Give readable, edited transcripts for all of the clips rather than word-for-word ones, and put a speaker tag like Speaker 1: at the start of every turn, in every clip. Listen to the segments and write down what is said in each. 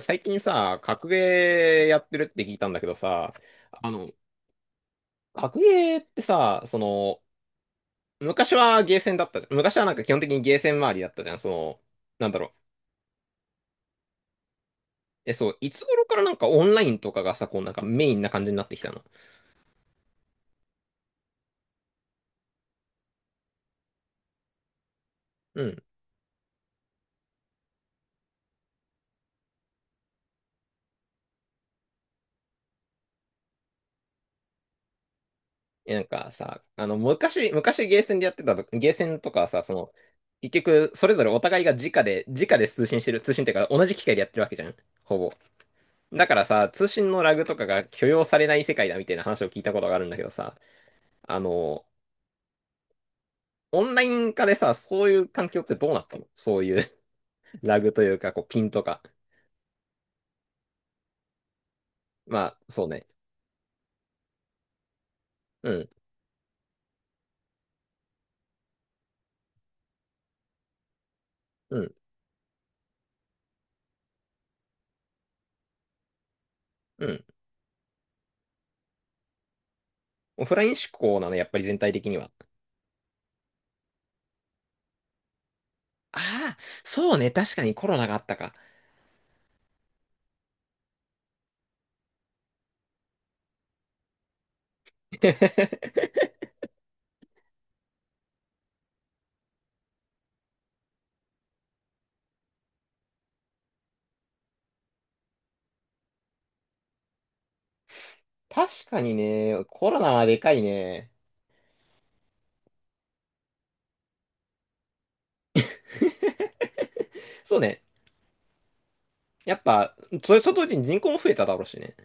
Speaker 1: 最近さ、格ゲーやってるって聞いたんだけどさ、あの、格ゲーってさ、昔はゲーセンだったじゃん。昔はなんか基本的にゲーセン周りだったじゃん。なんだろう。え、そう、いつ頃からなんかオンラインとかがさ、こうなんかメインな感じになってきたの？うん。え、なんかさ、昔ゲーセンでやってたと、ゲーセンとかはさ、結局、それぞれお互いが直で通信してる、通信っていうか同じ機械でやってるわけじゃん。ほぼ。だからさ、通信のラグとかが許容されない世界だみたいな話を聞いたことがあるんだけどさ、あの、オンライン化でさ、そういう環境ってどうなったの？そういう ラグというか、こう、ピンとか。まあ、そうね。うん、うん、うん。オフライン志向なの、やっぱり全体的には？ああ、そうね。確かにコロナがあったか。確かにね、コロナはでかいね。そうね。やっぱ、それと同時に人口も増えただろうしね。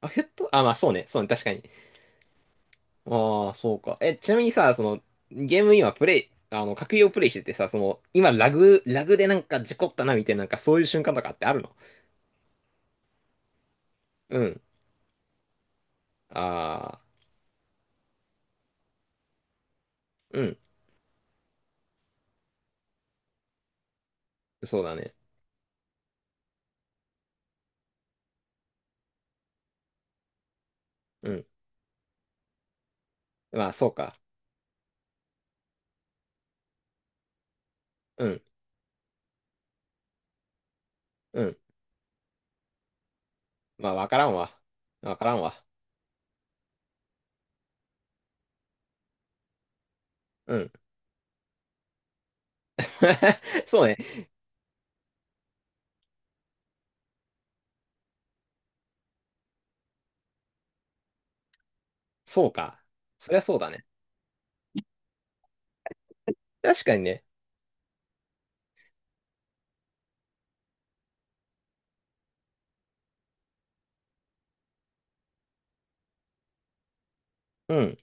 Speaker 1: あ、減ったあ、まあそうね。そうね。確かに。ああ、そうか。え、ちなみにさ、ゲーム今プレイ、格ゲーをプレイしててさ、今ラグでなんか事故ったなみたいな、なんかそういう瞬間とかってあるの？うん。ああ、うん。そうだね。うん。まあ、そうか。うん。うん。まあ、わからんわ。わからんわ。うん。そうね。そうか。そりゃそうだね。確かにね。うん。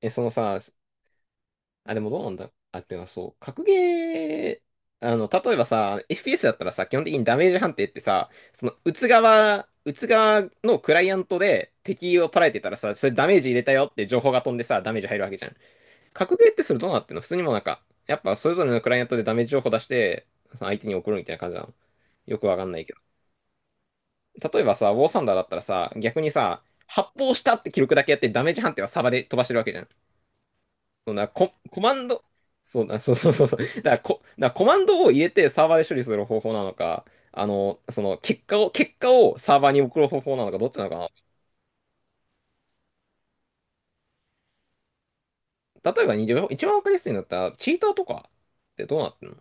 Speaker 1: え、そのさ、あ、でもどうなんだあ、てかそう、格ゲー、例えばさ、FPS だったらさ、基本的にダメージ判定ってさ、撃つ側のクライアントで敵を捉えてたらさ、それダメージ入れたよって情報が飛んでさ、ダメージ入るわけじゃん。格ゲーってそれどうなってんの？普通にもうなんか、やっぱそれぞれのクライアントでダメージ情報出して、その相手に送るみたいな感じなの？よくわかんないけど。例えばさ、ウォーサンダーだったらさ、逆にさ、発砲したって記録だけやってダメージ判定はサバで飛ばしてるわけじゃん。そうな、コマンド、そうな、そうそうそうそう。だからだからコマンドを入れてサーバーで処理する方法なのか、その結果をサーバーに送る方法なのか、どっちなのかな。例えばにじゅう、一番わかりやすいんだったら、チーターとかってどうなってんの？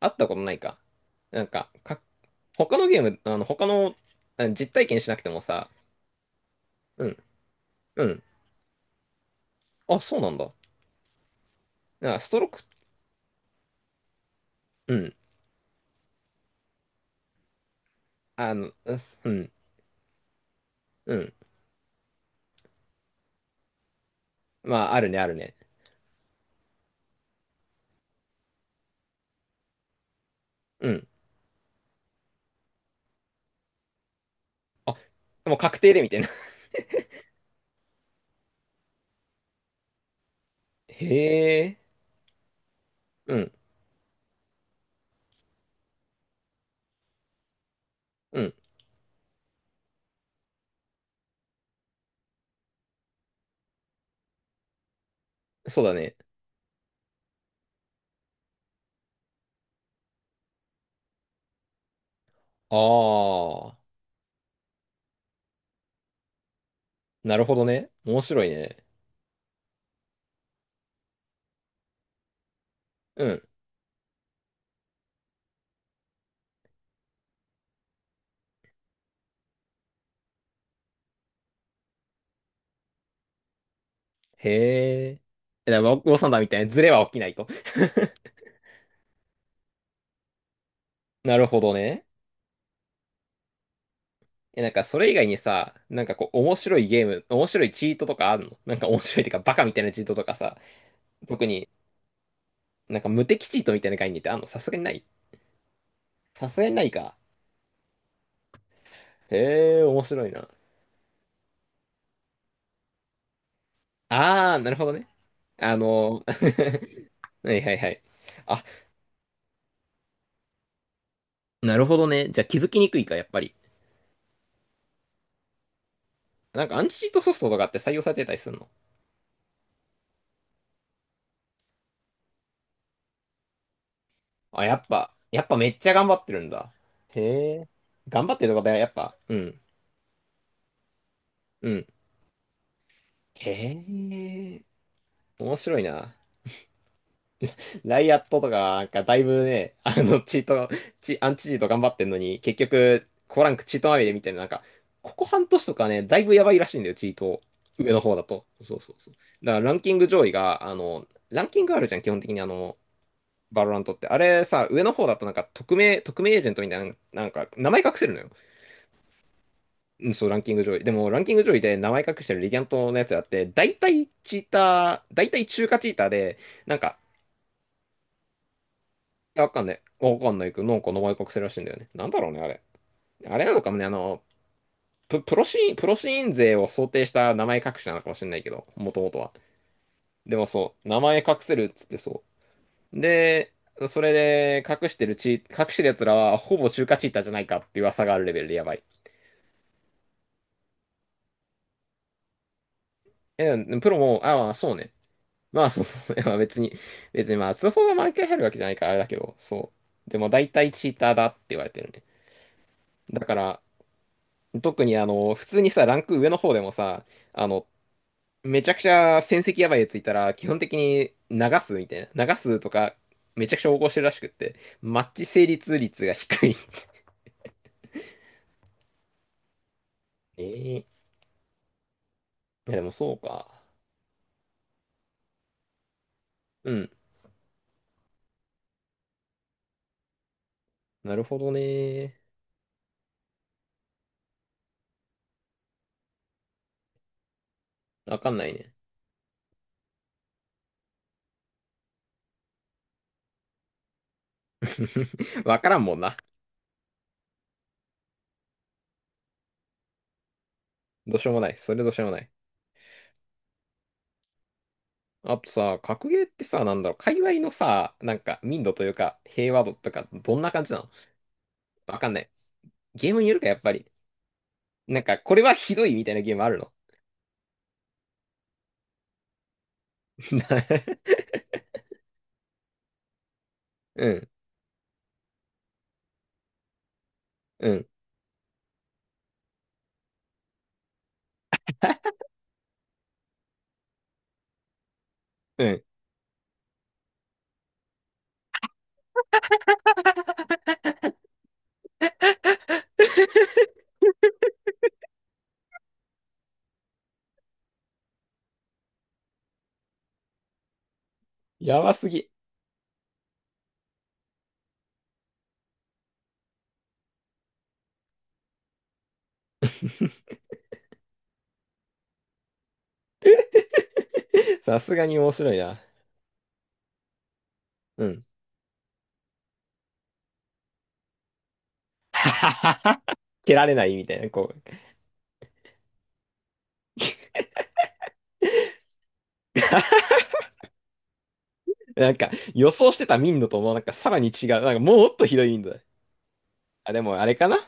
Speaker 1: あったことないか。なんか、他のゲーム、あの、他の、あの実体験しなくてもさ、うん、うん、あ、そうなんだ。なんかストローク、うん、うすうん、うん、まあ、あるね、あるね。うん。あ、もう確定でみたいな。へえ。うん。うん。そうだね。ああ、なるほどね。面白いね。うん。へえ。え、だからウォウサンダーみたいなズレは起きないと。なるほどね。え、なんかそれ以外にさ、なんかこう面白いゲーム、面白いチートとかあるの？なんか面白いってかバカみたいなチートとかさ、特になんか無敵チートみたいな概念ってあんの？さすがにない？さすがにないか。へえ、面白いな。ああ、なるほどね。あの、はいはいはい。あ、なるほどね。じゃあ気づきにくいか、やっぱり。なんかアンチチートソフトとかって採用されてたりするの？あ、やっぱめっちゃ頑張ってるんだ。へえ。頑張ってるとこだよ、やっぱ。うん。うん。へえ。面白いな。ライアットとか、なんかだいぶね、チート、チ、アンチチート頑張ってんのに、結局、コランクチートまみれみたいな、なんか、ここ半年とかね、だいぶやばいらしいんだよ、チート。上の方だと。そうそうそう。だからランキング上位が、ランキングあるじゃん、基本的にバロラントって。あれさ、上の方だとなんか、匿名エージェントみたいな、なんか、名前隠せるのよ。うん、そう、ランキング上位。でも、ランキング上位で名前隠してるレギャントのやつがあって、大体チーター、大体中華チーターで、なんか、いやわかんない。わかんないけど、なんか名前隠せるらしいんだよね。なんだろうね、あれ。あれなのかもね、プロシーン勢を想定した名前隠しなのかもしれないけど、もともとは。でもそう、名前隠せるっつってそう。で、それで隠してる隠してる奴らは、ほぼ中華チーターじゃないかっていう噂があるレベルでやばい。え、プロも、ああ、そうね。まあ、そうそう、いやまあ別にまあ、通報が毎回入るわけじゃないからあれだけど、そう。でも大体チーターだって言われてるね。だから、特に普通にさ、ランク上の方でもさ、あの、めちゃくちゃ戦績やばいやついたら、基本的に流すみたいな。流すとか、めちゃくちゃ横行してるらしくって、マッチ成立率が低い。ええいや、でもそうか。うん。なるほどね。わかんないね。わからんもんな。どうしようもない。それどうしようもない。あとさ、格ゲーってさ、なんだろう、界隈のさ、なんか、民度というか、平和度とか、どんな感じなの？わかんない。ゲームによるか、やっぱり。なんか、これはひどいみたいなゲームあるの？ うん、うん、うん。やばすぎ。さすがに面白いな。うん。蹴られないみたいな、こう。なんか、予想してた民度とも、なんか、さらに違う。なんか、もっとひどい民度だ。あ、でも、あれかな？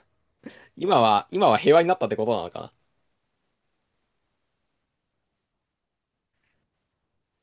Speaker 1: 今は平和になったってことなのかな？